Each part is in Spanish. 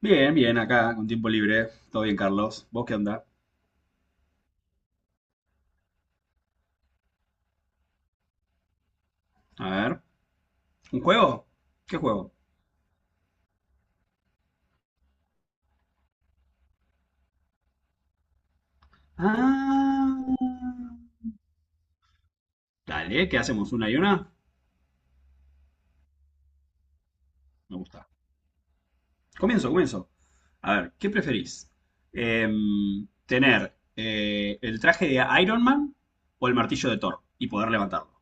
Bien, bien, acá con tiempo libre. Todo bien, Carlos. ¿Vos qué onda? A ver, ¿un juego? ¿Qué juego? Ah, dale, ¿qué hacemos? ¿Una y una? Me gusta. Comienzo, comienzo. A ver, ¿qué preferís? ¿Tener el traje de Iron Man o el martillo de Thor y poder levantarlo?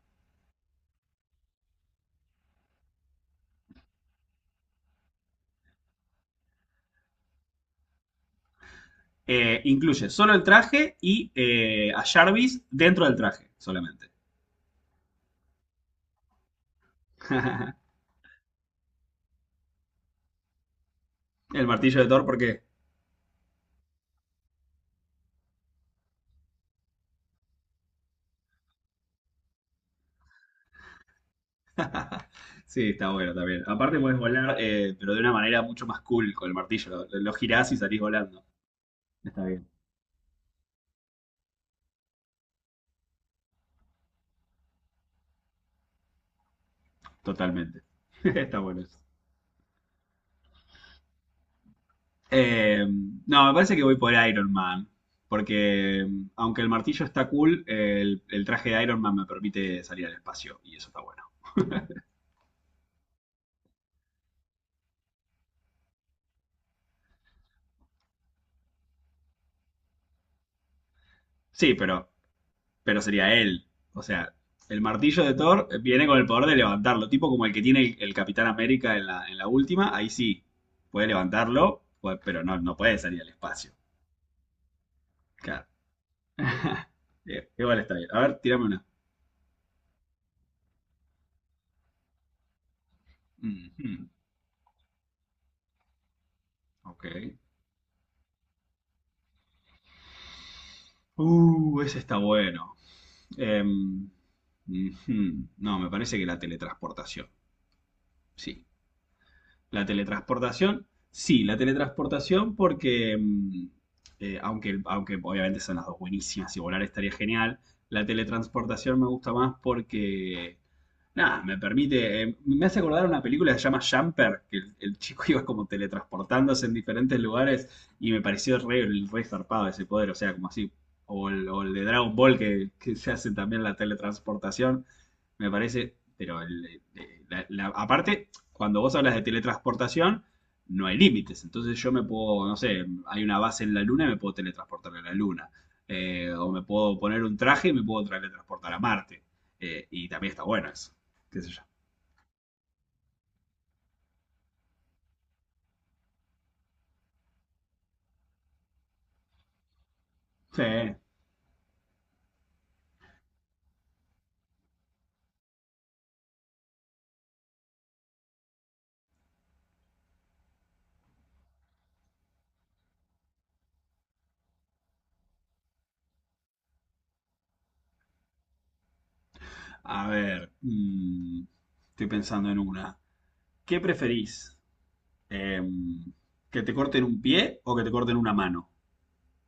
Incluye solo el traje y a Jarvis dentro del traje solamente. El martillo de Thor, ¿por qué? Sí, está bueno también. Aparte puedes volar, pero de una manera mucho más cool con el martillo. Lo girás y salís volando. Está bien. Totalmente. Está bueno eso. Eh, no, me parece que voy por Iron Man. Porque aunque el martillo está cool, el traje de Iron Man me permite salir al espacio. Y eso está bueno. Sí, pero sería él. O sea, el martillo de Thor viene con el poder de levantarlo, tipo como el que tiene el Capitán América en la última, ahí sí, puede levantarlo, pero no, no puede salir al espacio. Claro, bien, igual está bien. A ver, tírame una. Ujú, ok. Ese está bueno. Em, no, me parece que la teletransportación, sí. La teletransportación, sí, la teletransportación porque, aunque obviamente son las dos buenísimas y volar estaría genial, la teletransportación me gusta más porque, nada, me permite, me hace acordar una película que se llama Jumper, que el chico iba como teletransportándose en diferentes lugares y me pareció re zarpado ese poder, o sea, como así, o el de Dragon Ball que se hace también la teletransportación me parece, pero aparte, cuando vos hablas de teletransportación, no hay límites. Entonces yo me puedo, no sé, hay una base en la luna y me puedo teletransportar a la luna. O me puedo poner un traje y me puedo teletransportar a Marte. Y también está bueno eso. ¿Qué sé yo? Sí. A ver, estoy pensando en una. ¿Qué preferís? Em, ¿Que te corten un pie o que te corten una mano?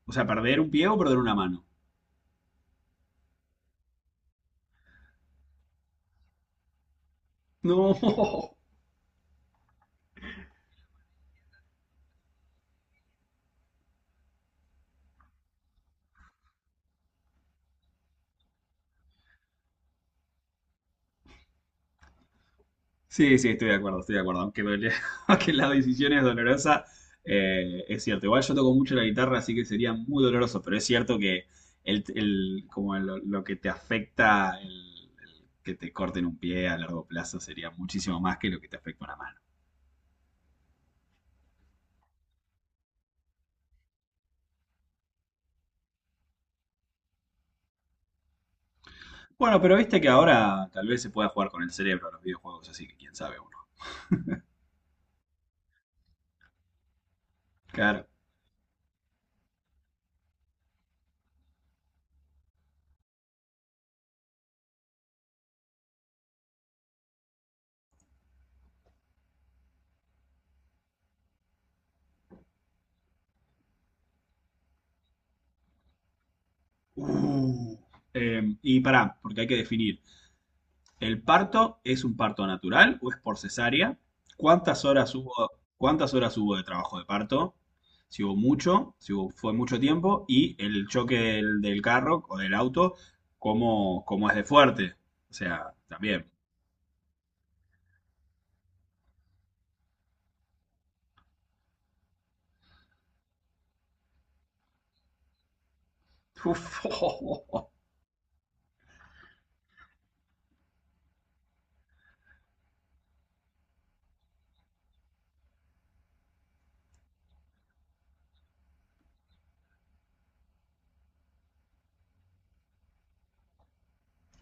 O sea, perder un pie o perder una mano. No. Sí, sí, estoy de acuerdo, estoy de acuerdo. Aunque la decisión es dolorosa, es cierto. Igual yo toco mucho la guitarra, así que sería muy doloroso, pero es cierto que como lo que te afecta el que te corten un pie a largo plazo sería muchísimo más que lo que te afecta una mano. Bueno, pero viste que ahora tal vez se pueda jugar con el cerebro a los videojuegos, así que quién sabe uno. Claro. Uh, y pará, porque hay que definir. ¿El parto es un parto natural o es por cesárea? ¿Cuántas horas hubo, ¿cuántas horas hubo de trabajo de parto? Si hubo mucho, si hubo- fue mucho tiempo, y el choque del carro o del auto, ¿cómo es de fuerte? O sea, también. Uf,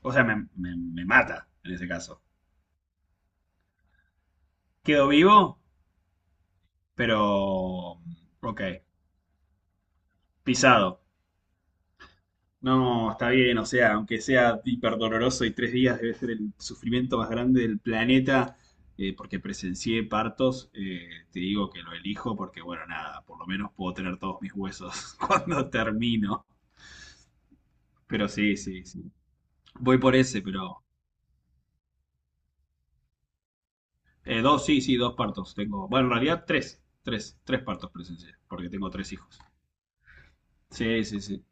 O sea, me mata en ese caso. Quedo vivo, pero... Ok, pisado. No, está bien, o sea, aunque sea hiper doloroso y tres días debe ser el sufrimiento más grande del planeta, porque presencié partos, te digo que lo elijo porque, bueno, nada, por lo menos puedo tener todos mis huesos cuando termino. Pero sí, sí, sí. Voy por ese, pero... dos, sí, sí, dos partos tengo. Bueno, en realidad tres, tres partos presencié, porque tengo tres hijos. Sí, sí, sí.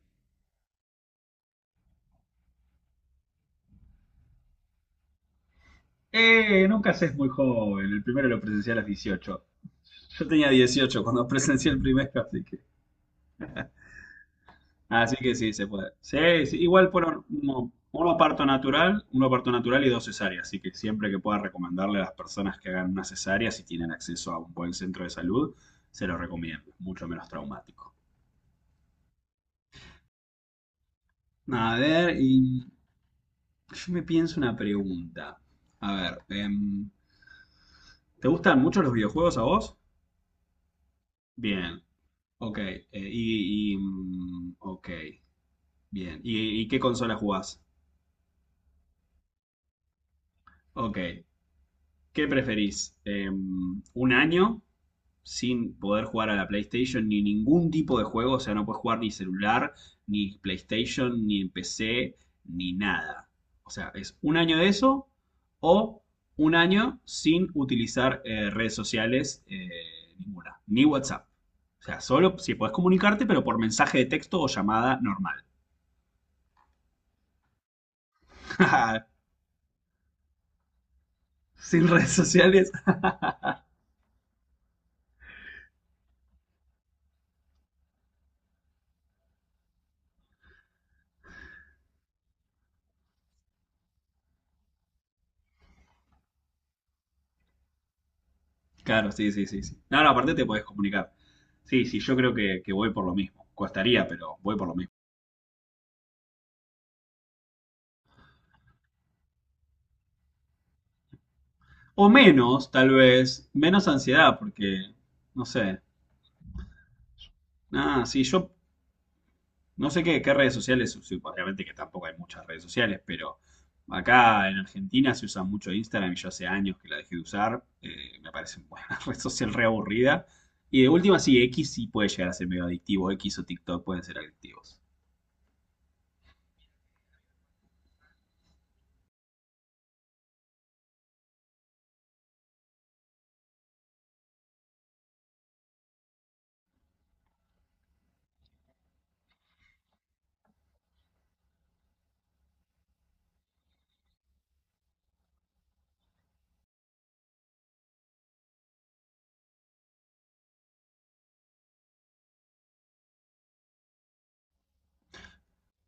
Nunca se es muy joven, el primero lo presencié a los 18. Yo tenía 18 cuando presencié el primer, así que... Así que sí, se puede. Sí, sí, igual fueron uno parto natural y dos cesáreas. Así que siempre que pueda recomendarle a las personas que hagan una cesárea, si tienen acceso a un buen centro de salud, se lo recomiendo. Mucho menos traumático. A ver, y yo me pienso una pregunta. A ver, ¿te gustan mucho los videojuegos a vos? Bien, ok. Ok, bien. ¿Y qué consola jugás? Ok. ¿Qué preferís? ¿Un año sin poder jugar a la PlayStation ni ningún tipo de juego? O sea, no puedes jugar ni celular, ni PlayStation, ni PC, ni nada. O sea, es un año de eso o un año sin utilizar redes sociales ninguna, ni WhatsApp. O sea, solo si podés comunicarte, pero por mensaje de texto o llamada normal. sin redes sociales. Claro, sí, sí, sí, sí. No, no, aparte te podés comunicar. Sí, sí, yo creo que voy por lo mismo. Costaría, pero voy por lo mismo. O menos, tal vez, menos ansiedad, porque, no sé, nada, sí, yo no sé qué redes sociales, sí, obviamente que tampoco hay muchas redes sociales, pero acá en Argentina se usa mucho Instagram y yo hace años que la dejé de usar, me parece una red social re aburrida. Y de última, sí, X sí puede llegar a ser medio adictivo, X o TikTok pueden ser adictivos.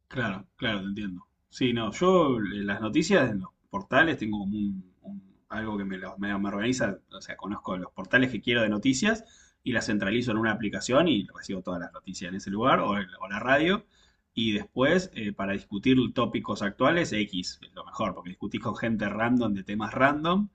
Claro, claro, te entiendo. Sí, no, yo las noticias en los portales tengo como algo que me organiza, o sea, conozco los portales que quiero de noticias y las centralizo en una aplicación y recibo todas las noticias en ese lugar o la radio. Y después, para discutir tópicos actuales, X es lo mejor, porque discutís con gente random de temas random.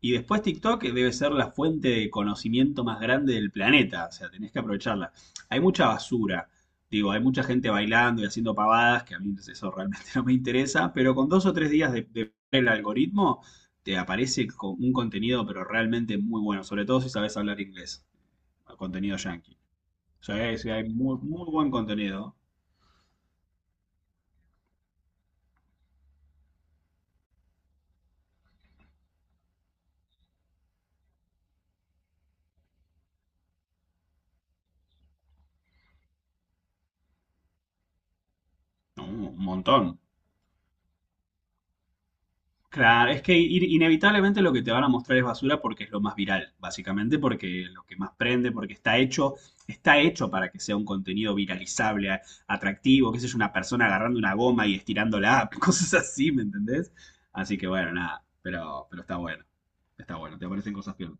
Y después TikTok debe ser la fuente de conocimiento más grande del planeta, o sea, tenés que aprovecharla. Hay mucha basura. Digo, hay mucha gente bailando y haciendo pavadas, que a mí eso realmente no me interesa, pero con dos o tres días de ver el algoritmo, te aparece con un contenido, pero realmente muy bueno, sobre todo si sabes hablar inglés, contenido yankee. O sea, hay muy buen contenido, un un montón. Claro, es que inevitablemente lo que te van a mostrar es basura porque es lo más viral, básicamente, porque es lo que más prende, porque está hecho para que sea un contenido viralizable, atractivo, qué sé yo, una persona agarrando una goma y estirándola, cosas así, ¿me entendés? Así que bueno, nada, pero, está bueno, te aparecen cosas peor.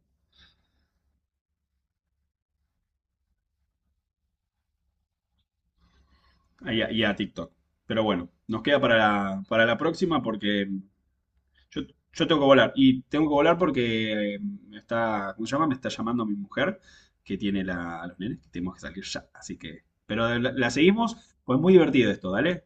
Y a TikTok. Pero bueno, nos queda para la próxima porque Yo, yo tengo que volar y tengo que volar porque me está, ¿cómo se llama? Me está llamando mi mujer que tiene la, a los nenes que tenemos que salir ya. Así que, pero la seguimos, pues muy divertido esto, ¿dale?